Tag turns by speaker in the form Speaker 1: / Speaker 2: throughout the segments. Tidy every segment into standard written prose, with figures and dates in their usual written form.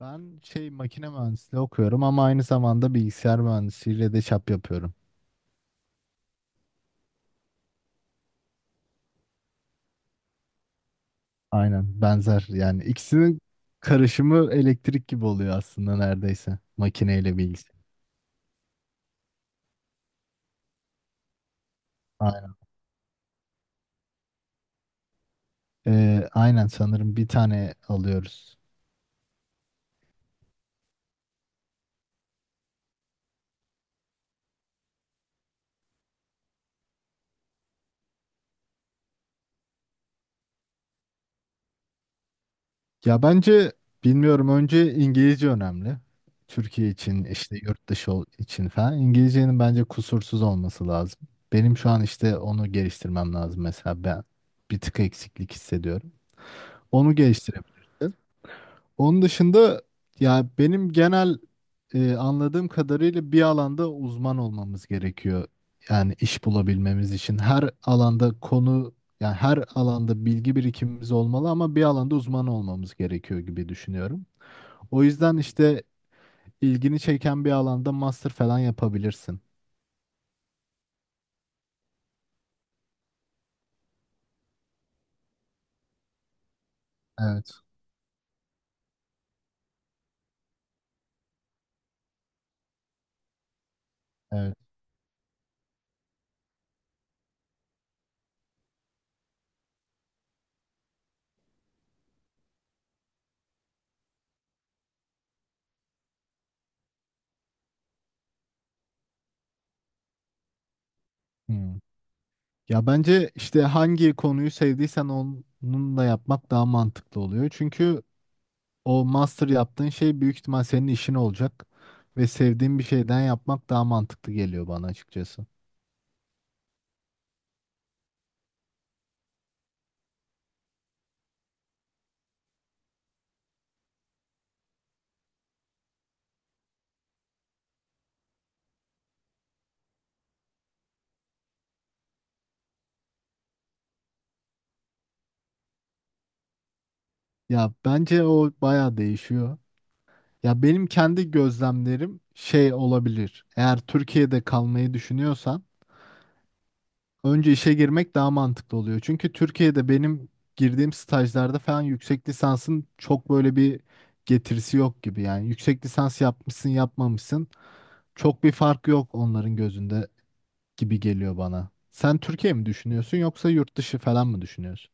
Speaker 1: Ben makine mühendisliği okuyorum ama aynı zamanda bilgisayar mühendisliğiyle de çap yapıyorum. Aynen benzer yani ikisinin karışımı elektrik gibi oluyor aslında neredeyse makineyle bilgisayar. Aynen. Aynen sanırım bir tane alıyoruz. Ya bence bilmiyorum önce İngilizce önemli. Türkiye için işte yurt dışı için falan. İngilizcenin bence kusursuz olması lazım. Benim şu an işte onu geliştirmem lazım mesela ben bir tık eksiklik hissediyorum. Onu geliştirebilirim. Onun dışında ya benim genel anladığım kadarıyla bir alanda uzman olmamız gerekiyor. Yani iş bulabilmemiz için her alanda konu yani her alanda bilgi birikimimiz olmalı ama bir alanda uzman olmamız gerekiyor gibi düşünüyorum. O yüzden işte ilgini çeken bir alanda master falan yapabilirsin. Evet, evet. Hmm. Ya bence işte hangi konuyu sevdiysen onunla yapmak daha mantıklı oluyor. Çünkü o master yaptığın şey büyük ihtimal senin işin olacak ve sevdiğin bir şeyden yapmak daha mantıklı geliyor bana açıkçası. Ya bence o baya değişiyor. Ya benim kendi gözlemlerim şey olabilir. Eğer Türkiye'de kalmayı düşünüyorsan önce işe girmek daha mantıklı oluyor. Çünkü Türkiye'de benim girdiğim stajlarda falan yüksek lisansın çok böyle bir getirisi yok gibi. Yani yüksek lisans yapmışsın yapmamışsın çok bir fark yok onların gözünde gibi geliyor bana. Sen Türkiye mi düşünüyorsun yoksa yurt dışı falan mı düşünüyorsun?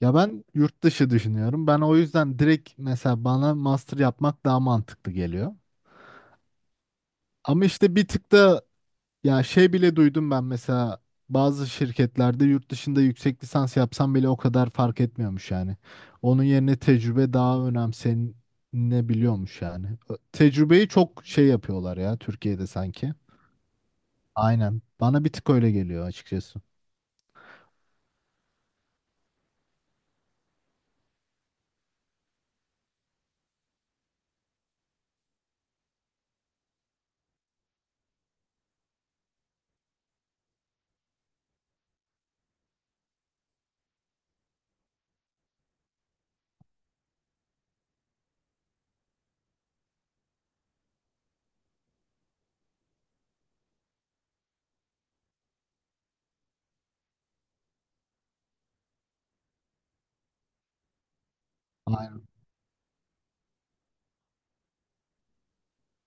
Speaker 1: Ya ben yurt dışı düşünüyorum. Ben o yüzden direkt mesela bana master yapmak daha mantıklı geliyor. Ama işte bir tık da ya şey bile duydum ben mesela bazı şirketlerde yurt dışında yüksek lisans yapsam bile o kadar fark etmiyormuş yani. Onun yerine tecrübe daha önemsenebiliyormuş yani. Tecrübeyi çok şey yapıyorlar ya Türkiye'de sanki. Aynen. Bana bir tık öyle geliyor açıkçası.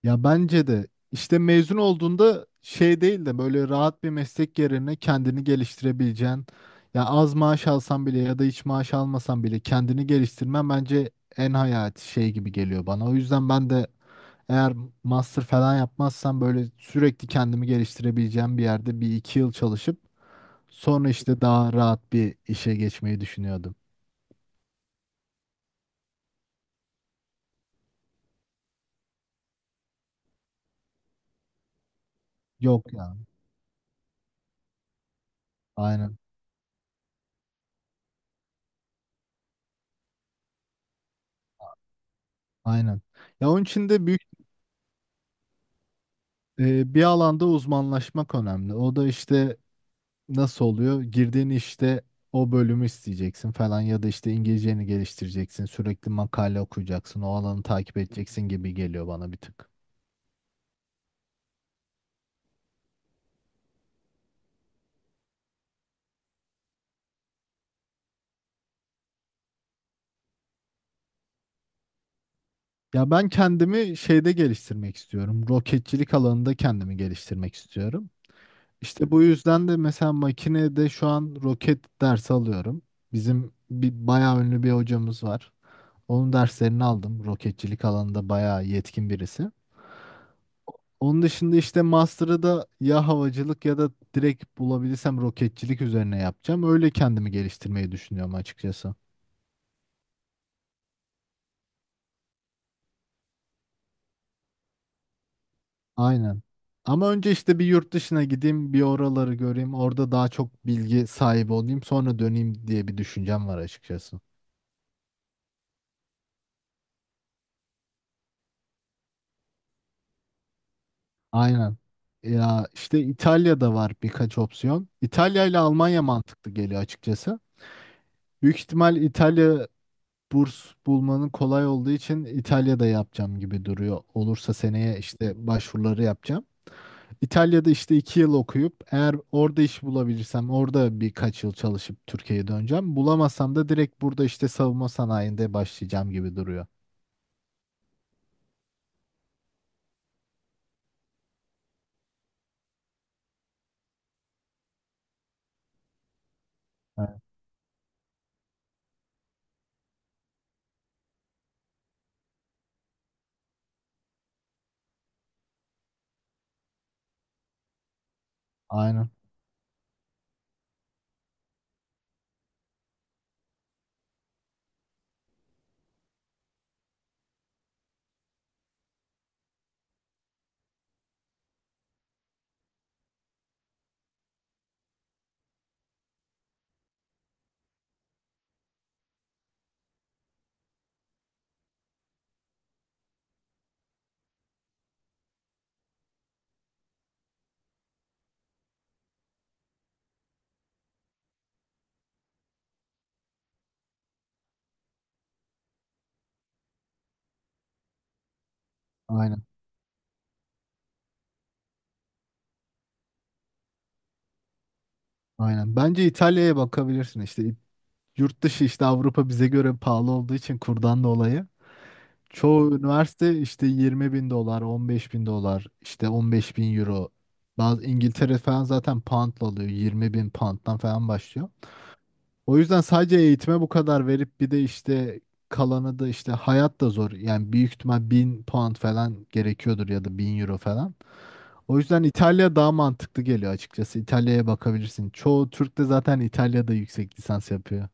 Speaker 1: Ya bence de işte mezun olduğunda şey değil de böyle rahat bir meslek yerine kendini geliştirebileceğin ya az maaş alsan bile ya da hiç maaş almasan bile kendini geliştirmen bence en hayati şey gibi geliyor bana. O yüzden ben de eğer master falan yapmazsam böyle sürekli kendimi geliştirebileceğim bir yerde bir iki yıl çalışıp sonra işte daha rahat bir işe geçmeyi düşünüyordum. Yok ya. Aynen. Aynen. Ya onun için de büyük bir alanda uzmanlaşmak önemli. O da işte nasıl oluyor? Girdiğin işte o bölümü isteyeceksin falan ya da işte İngilizceni geliştireceksin. Sürekli makale okuyacaksın. O alanı takip edeceksin gibi geliyor bana bir tık. Ya ben kendimi şeyde geliştirmek istiyorum. Roketçilik alanında kendimi geliştirmek istiyorum. İşte bu yüzden de mesela makinede şu an roket dersi alıyorum. Bizim bir bayağı ünlü bir hocamız var. Onun derslerini aldım. Roketçilik alanında bayağı yetkin birisi. Onun dışında işte master'ı da ya havacılık ya da direkt bulabilirsem roketçilik üzerine yapacağım. Öyle kendimi geliştirmeyi düşünüyorum açıkçası. Aynen. Ama önce işte bir yurt dışına gideyim, bir oraları göreyim, orada daha çok bilgi sahibi olayım, sonra döneyim diye bir düşüncem var açıkçası. Aynen. Ya işte İtalya'da var birkaç opsiyon. İtalya ile Almanya mantıklı geliyor açıkçası. Büyük ihtimal İtalya burs bulmanın kolay olduğu için İtalya'da yapacağım gibi duruyor. Olursa seneye işte başvuruları yapacağım. İtalya'da işte 2 yıl okuyup eğer orada iş bulabilirsem orada birkaç yıl çalışıp Türkiye'ye döneceğim. Bulamazsam da direkt burada işte savunma sanayinde başlayacağım gibi duruyor. Evet. Aynen, aynen, aynen. Bence İtalya'ya bakabilirsin işte. Yurt dışı işte Avrupa bize göre pahalı olduğu için kurdan dolayı. Çoğu üniversite işte 20 bin dolar, 15 bin dolar, işte 15 bin euro. Bazı İngiltere falan zaten poundla alıyor. 20 bin pound'dan falan başlıyor. O yüzden sadece eğitime bu kadar verip bir de işte kalanı da işte hayat da zor. Yani büyük ihtimal 1.000 pound falan gerekiyordur ya da 1.000 euro falan. O yüzden İtalya daha mantıklı geliyor açıkçası. İtalya'ya bakabilirsin. Çoğu Türk de zaten İtalya'da yüksek lisans yapıyor.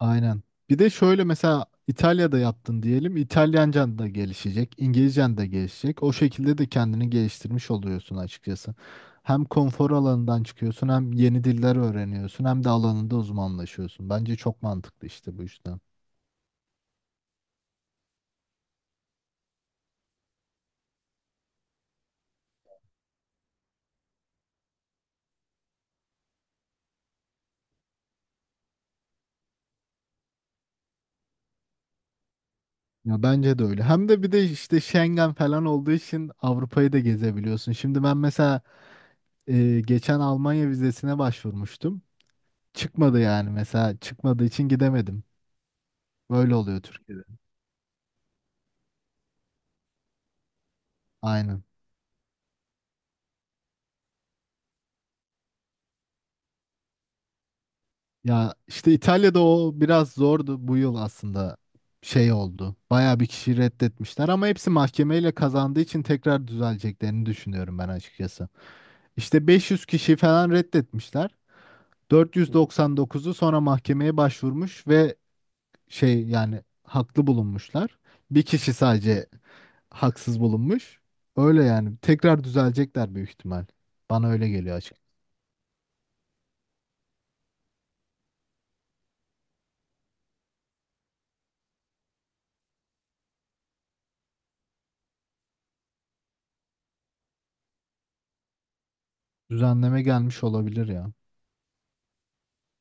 Speaker 1: Aynen. Bir de şöyle mesela İtalya'da yaptın diyelim. İtalyancan da gelişecek, İngilizcen de gelişecek. O şekilde de kendini geliştirmiş oluyorsun açıkçası. Hem konfor alanından çıkıyorsun, hem yeni diller öğreniyorsun, hem de alanında uzmanlaşıyorsun. Bence çok mantıklı işte bu yüzden. Ya bence de öyle. Hem de bir de işte Schengen falan olduğu için Avrupa'yı da gezebiliyorsun. Şimdi ben mesela geçen Almanya vizesine başvurmuştum. Çıkmadı yani mesela çıkmadığı için gidemedim. Böyle oluyor Türkiye'de. Aynen. Ya işte İtalya'da o biraz zordu bu yıl aslında şey oldu. Bayağı bir kişi reddetmişler ama hepsi mahkemeyle kazandığı için tekrar düzeleceklerini düşünüyorum ben açıkçası. İşte 500 kişi falan reddetmişler. 499'u sonra mahkemeye başvurmuş ve şey yani haklı bulunmuşlar. Bir kişi sadece haksız bulunmuş. Öyle yani tekrar düzelecekler büyük ihtimal. Bana öyle geliyor açık. Düzenleme gelmiş olabilir ya.